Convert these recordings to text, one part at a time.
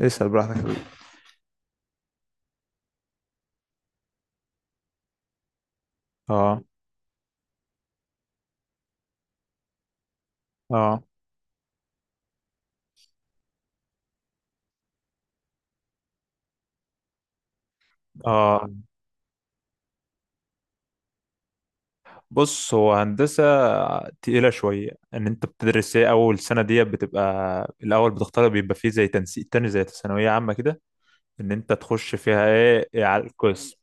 اسأل براحتك يا حبيبي. اه. اه. اه. بص، هو هندسة تقيلة شوية. ان انت بتدرس ايه اول سنة دي، بتبقى الاول بتختار، بيبقى فيه زي تنسيق تاني زي ثانوية عامة كده، ان انت تخش فيها ايه، إيه على القسم.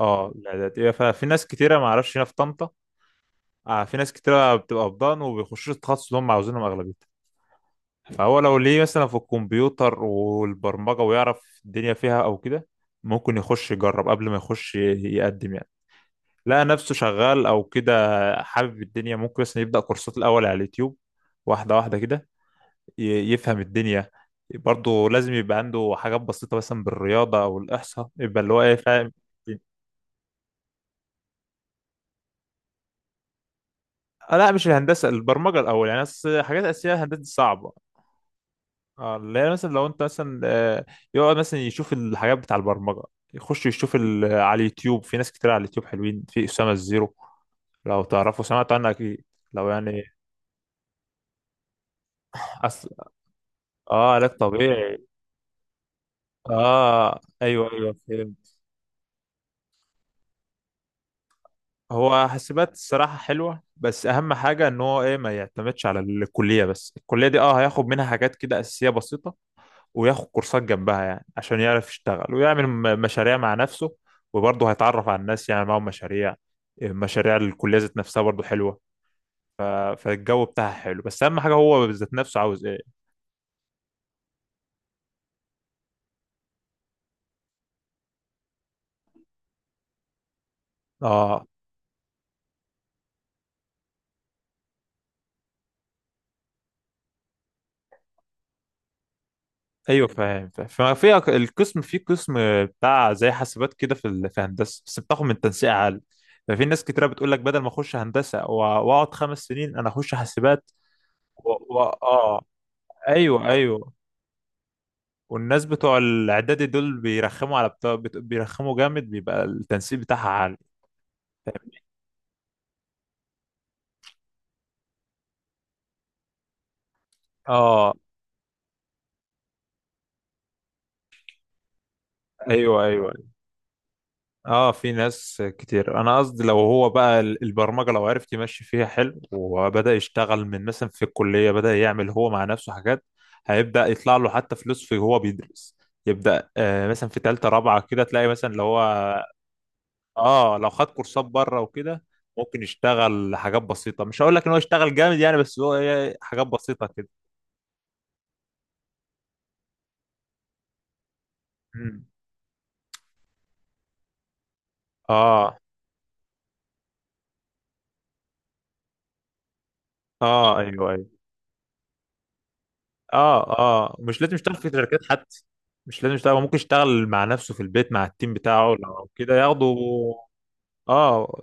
اه، الاعدادية. ففي ناس كتيرة، ما اعرفش، هنا في طنطا. آه، في ناس كتيرة بتبقى في ضان وبيخشوش التخصص اللي هم عاوزينهم اغلبيتها. فهو لو ليه مثلا في الكمبيوتر والبرمجة ويعرف الدنيا فيها او كده، ممكن يخش يجرب قبل ما يخش يقدم يعني. لقى نفسه شغال او كده، حابب الدنيا، ممكن مثلا يبدأ كورسات الاول على اليوتيوب واحده واحده كده، يفهم الدنيا. برضه لازم يبقى عنده حاجات بسيطه مثلا بالرياضه او الاحصاء، يبقى اللي هو ايه، فاهم. لا، مش الهندسه، البرمجه الاول يعني، حاجات اساسيه. الهندسه دي صعبه. اللي هي مثلا، لو انت مثلا، يقعد مثلا يشوف الحاجات بتاع البرمجه، يخش يشوف على اليوتيوب. في ناس كتير على اليوتيوب حلوين، في اسامه الزيرو، لو تعرفوا، سمعت عنها اكيد. لو يعني، أصل، اه، علاج طبيعي. اه، ايوه ايوه، فهمت. هو حاسبات الصراحه حلوه، بس اهم حاجه ان هو ايه، ما يعتمدش على الكليه بس. الكليه دي اه هياخد منها حاجات كده اساسيه بسيطه، وياخد كورسات جنبها يعني عشان يعرف يشتغل ويعمل مشاريع مع نفسه. وبرضه هيتعرف على الناس يعني، معاهم مشاريع. مشاريع الكليه ذات نفسها برضه حلوه. ف... فالجو بتاعها حلو، بس اهم حاجه هو ذات نفسه عاوز ايه. اه، ايوه فاهم فاهم. ففي القسم، في قسم بتاع زي حاسبات كده في في هندسه، بس بتاخد من تنسيق عالي. ففي ناس كتيره بتقول لك بدل ما اخش هندسه واقعد 5 سنين، انا اخش حاسبات. و... اه، ايوه ايوه. والناس بتوع الاعدادي دول بيرخموا على بتوع، بيرخموا جامد، بيبقى التنسيق بتاعها عالي. اه، ايوه ايوه. اه، في ناس كتير. انا قصدي لو هو بقى البرمجه، لو عرف يمشي فيها حلو وبدا يشتغل من مثلا في الكليه، بدا يعمل هو مع نفسه حاجات، هيبدا يطلع له حتى فلوس في هو بيدرس. يبدا آه مثلا في ثالثه رابعه كده تلاقي مثلا لو هو، اه لو خد كورسات بره وكده، ممكن يشتغل حاجات بسيطه. مش هقول لك ان هو يشتغل جامد يعني، بس هو إيه، حاجات بسيطه كده. مم. اه، اه ايوه أيوه. اه، اه مش لازم يشتغل في شركات حتى. مش لازم يشتغل. هو ممكن يشتغل مع نفسه في البيت مع التيم بتاعه لو كده، ياخدوا، اه،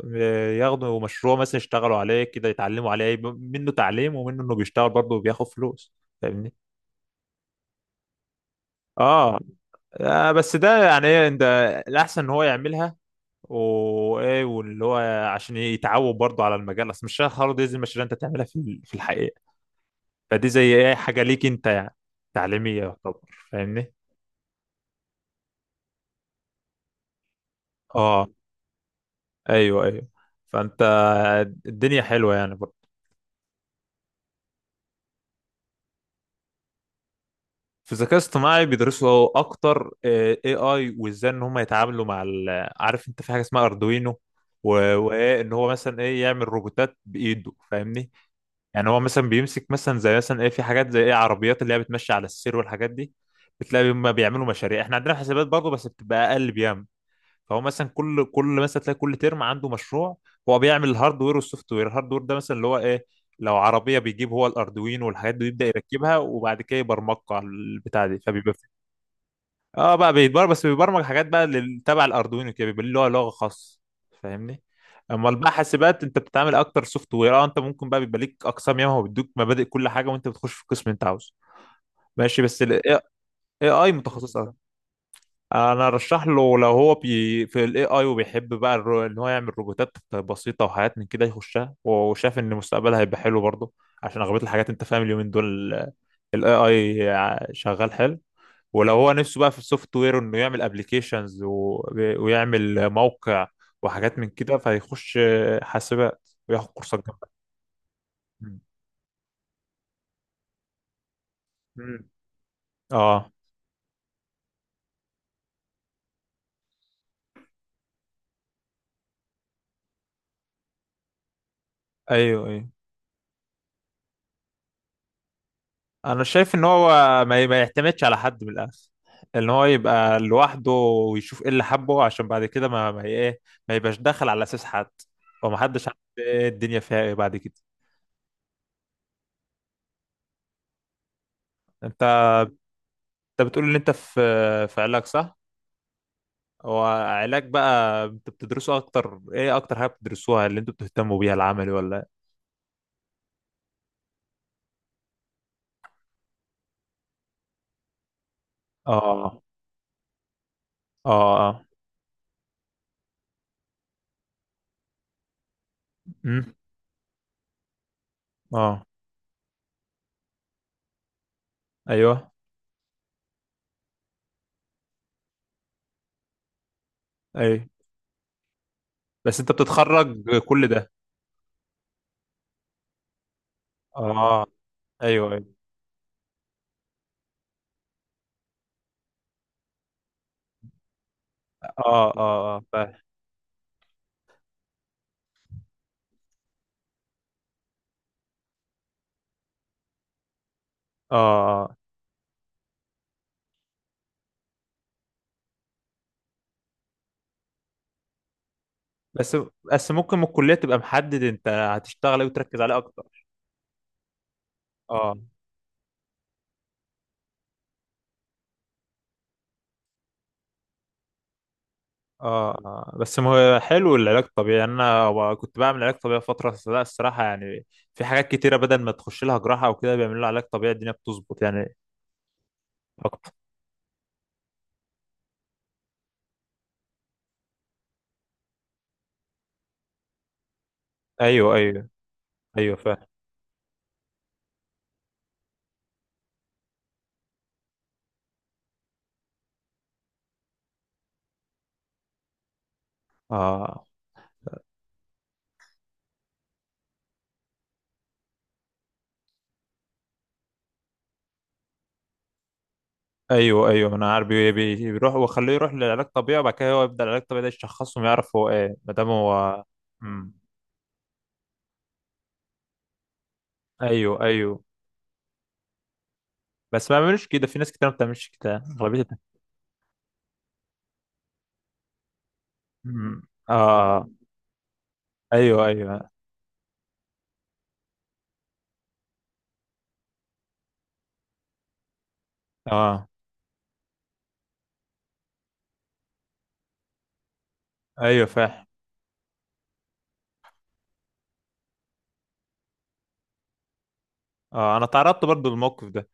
ياخدوا مشروع مثلا يشتغلوا عليه كده، يتعلموا عليه، يبقى منه تعليم ومنه انه بيشتغل برضه وبياخد فلوس. فاهمني؟ اه. بس ده يعني ايه انت، الاحسن ان هو يعملها، وايه، واللي هو، عشان يتعود برضه على المجال. اصل مش التخرج دي زي المشاريع انت تعملها في في الحقيقه. فدي زي ايه، حاجه ليك انت يعني تعليميه يعتبر. فاهمني؟ اه، ايوه ايوه. فانت، الدنيا حلوه يعني برضه. في الذكاء الاصطناعي بيدرسوا اكتر اي اي، وازاي ان هم يتعاملوا مع عارف انت في حاجه اسمها اردوينو، وايه ان هو مثلا ايه، يعمل روبوتات بايده. فاهمني؟ يعني هو مثلا بيمسك مثلا زي مثلا ايه، في حاجات زي ايه، عربيات اللي هي بتمشي على السير والحاجات دي. بتلاقي هم بيعملوا مشاريع. احنا عندنا في حسابات برضه بس بتبقى اقل بياما. فهو مثلا كل مثلا تلاقي كل ترم عنده مشروع. هو بيعمل الهاردوير والسوفت وير. الهاردوير ده مثلا اللي هو ايه، لو عربيه بيجيب هو الاردوين والحاجات دي ويبدا يركبها وبعد كده يبرمجها على البتاع دي، فبيبقى اه بقى بيتبرمج، بس بيبرمج حاجات بقى تبع الاردوين وكده، بيبقى له لغه خاص. فاهمني؟ امال بقى حاسبات انت بتتعامل اكتر سوفت وير. اه، انت ممكن بقى بيبقى ليك اقسام ياما، وبيدوك مبادئ كل حاجه، وانت بتخش في القسم اللي انت عاوزه. ماشي. بس الاي اي متخصص. انا ارشح له لو هو بي في الاي اي وبيحب بقى ان هو يعمل روبوتات بسيطه وحاجات من كده، يخشها، وشاف ان مستقبلها هيبقى حلو برضه. عشان اغلبيه الحاجات انت فاهم اليومين دول الاي اي شغال حلو. ولو هو نفسه بقى في السوفت وير، انه يعمل ابلكيشنز و... ويعمل موقع وحاجات من كده، فيخش حاسبات وياخد كورسات جنبها. مم. مم. اه، ايوه ايوه. انا شايف ان هو ما يعتمدش على حد من الاخر. ان هو يبقى لوحده ويشوف ايه اللي حبه، عشان بعد كده ما ايه، ما يبقاش داخل على اساس حد، وما حدش عارف ايه الدنيا فيها ايه بعد كده. انت انت بتقول ان انت في في علاج، صح؟ هو علاج بقى انت بتدرسه اكتر ايه، اكتر حاجه بتدرسوها اللي انتوا بتهتموا بيها العملي ولا إيه؟ اه. اه. اه. امم اه، ايوه ايوه. بس انت بتتخرج كل ده؟ اه، ايوه ايوه. اه اه اه، فاهم. اه. آه. بس بس ممكن من الكلية تبقى محدد انت هتشتغل ايه وتركز عليه اكتر. اه. اه. آه. بس ما، هو حلو العلاج الطبيعي يعني. انا كنت بعمل علاج طبيعي فترة، لا الصراحة يعني في حاجات كتيرة بدل ما تخش لها جراحة او كده، بيعملوا لها علاج طبيعي الدنيا بتظبط يعني اكتر. ايوه ايوه. ايوه فاهم. اه، ايوه ايوه، انا عارف. بيروح وخليه يروح للعلاج الطبيعي، وبعد كده هو يبدأ العلاج الطبيعي ده يشخصه ويعرف هو ايه، ما دام هو. مم. ايوه ايوه. بس ما بيعملوش كده، في ناس كتير ما بتعملش كده اغلبيه. مم. اه. آه. ايوه ايوه. اه، ايوه فاهم. اه، انا تعرضت برضو للموقف ده.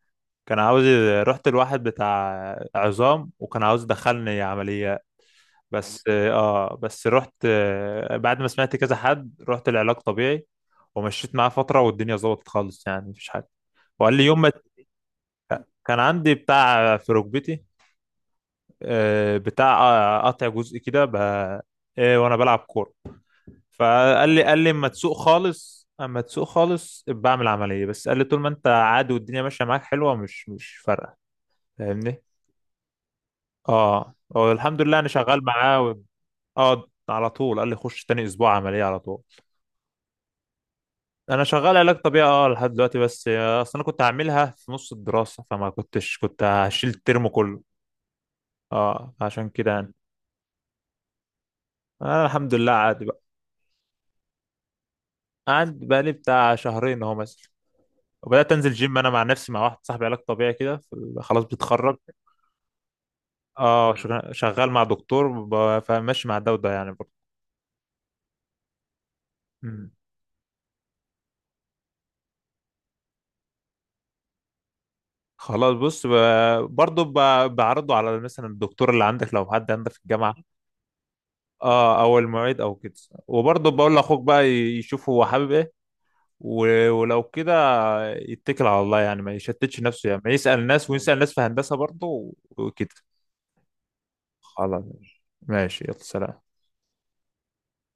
كان عاوز، رحت لواحد بتاع عظام، وكان عاوز يدخلني عمليات. بس اه، بس رحت بعد ما سمعت كذا حد، رحت العلاج طبيعي ومشيت معاه فترة والدنيا ظبطت خالص يعني، مفيش حاجة. وقال لي يوم ما، كان عندي بتاع في ركبتي، بتاع قطع جزء كده وانا بلعب كورة. فقال لي قال لي اما تسوق خالص، اما تسوق خالص ابقى بعمل عمليه، بس قال لي طول ما انت عادي والدنيا ماشيه معاك حلوه، مش فارقه. فاهمني؟ اه، هو الحمد لله انا شغال معاه و... اه، على طول قال لي خش تاني اسبوع عمليه على طول. انا شغال علاج طبيعي اه لحد دلوقتي، بس اصل انا كنت هعملها في نص الدراسه، فما كنتش، كنت هشيل الترم كله. اه، عشان كده يعني. انا الحمد لله عادي بقى. قعد بقالي بتاع شهرين اهو مثلا، وبدات انزل جيم انا مع نفسي مع واحد صاحبي علاج طبيعي كده، خلاص بيتخرج. اه. مم. شغال مع دكتور فماشي مع ده وده يعني برضه. مم. خلاص بص، برضه بعرضه على مثلا الدكتور اللي عندك، لو حد عندك في الجامعة، اه، او المعيد او كده. وبرضه بقول لاخوك بقى يشوف هو حابب ايه. ولو كده، يتكل على الله يعني. ما يشتتش نفسه يعني. ما يسأل ناس ويسأل ناس في هندسة برضه وكده. خلاص. ماشي، يلا سلام.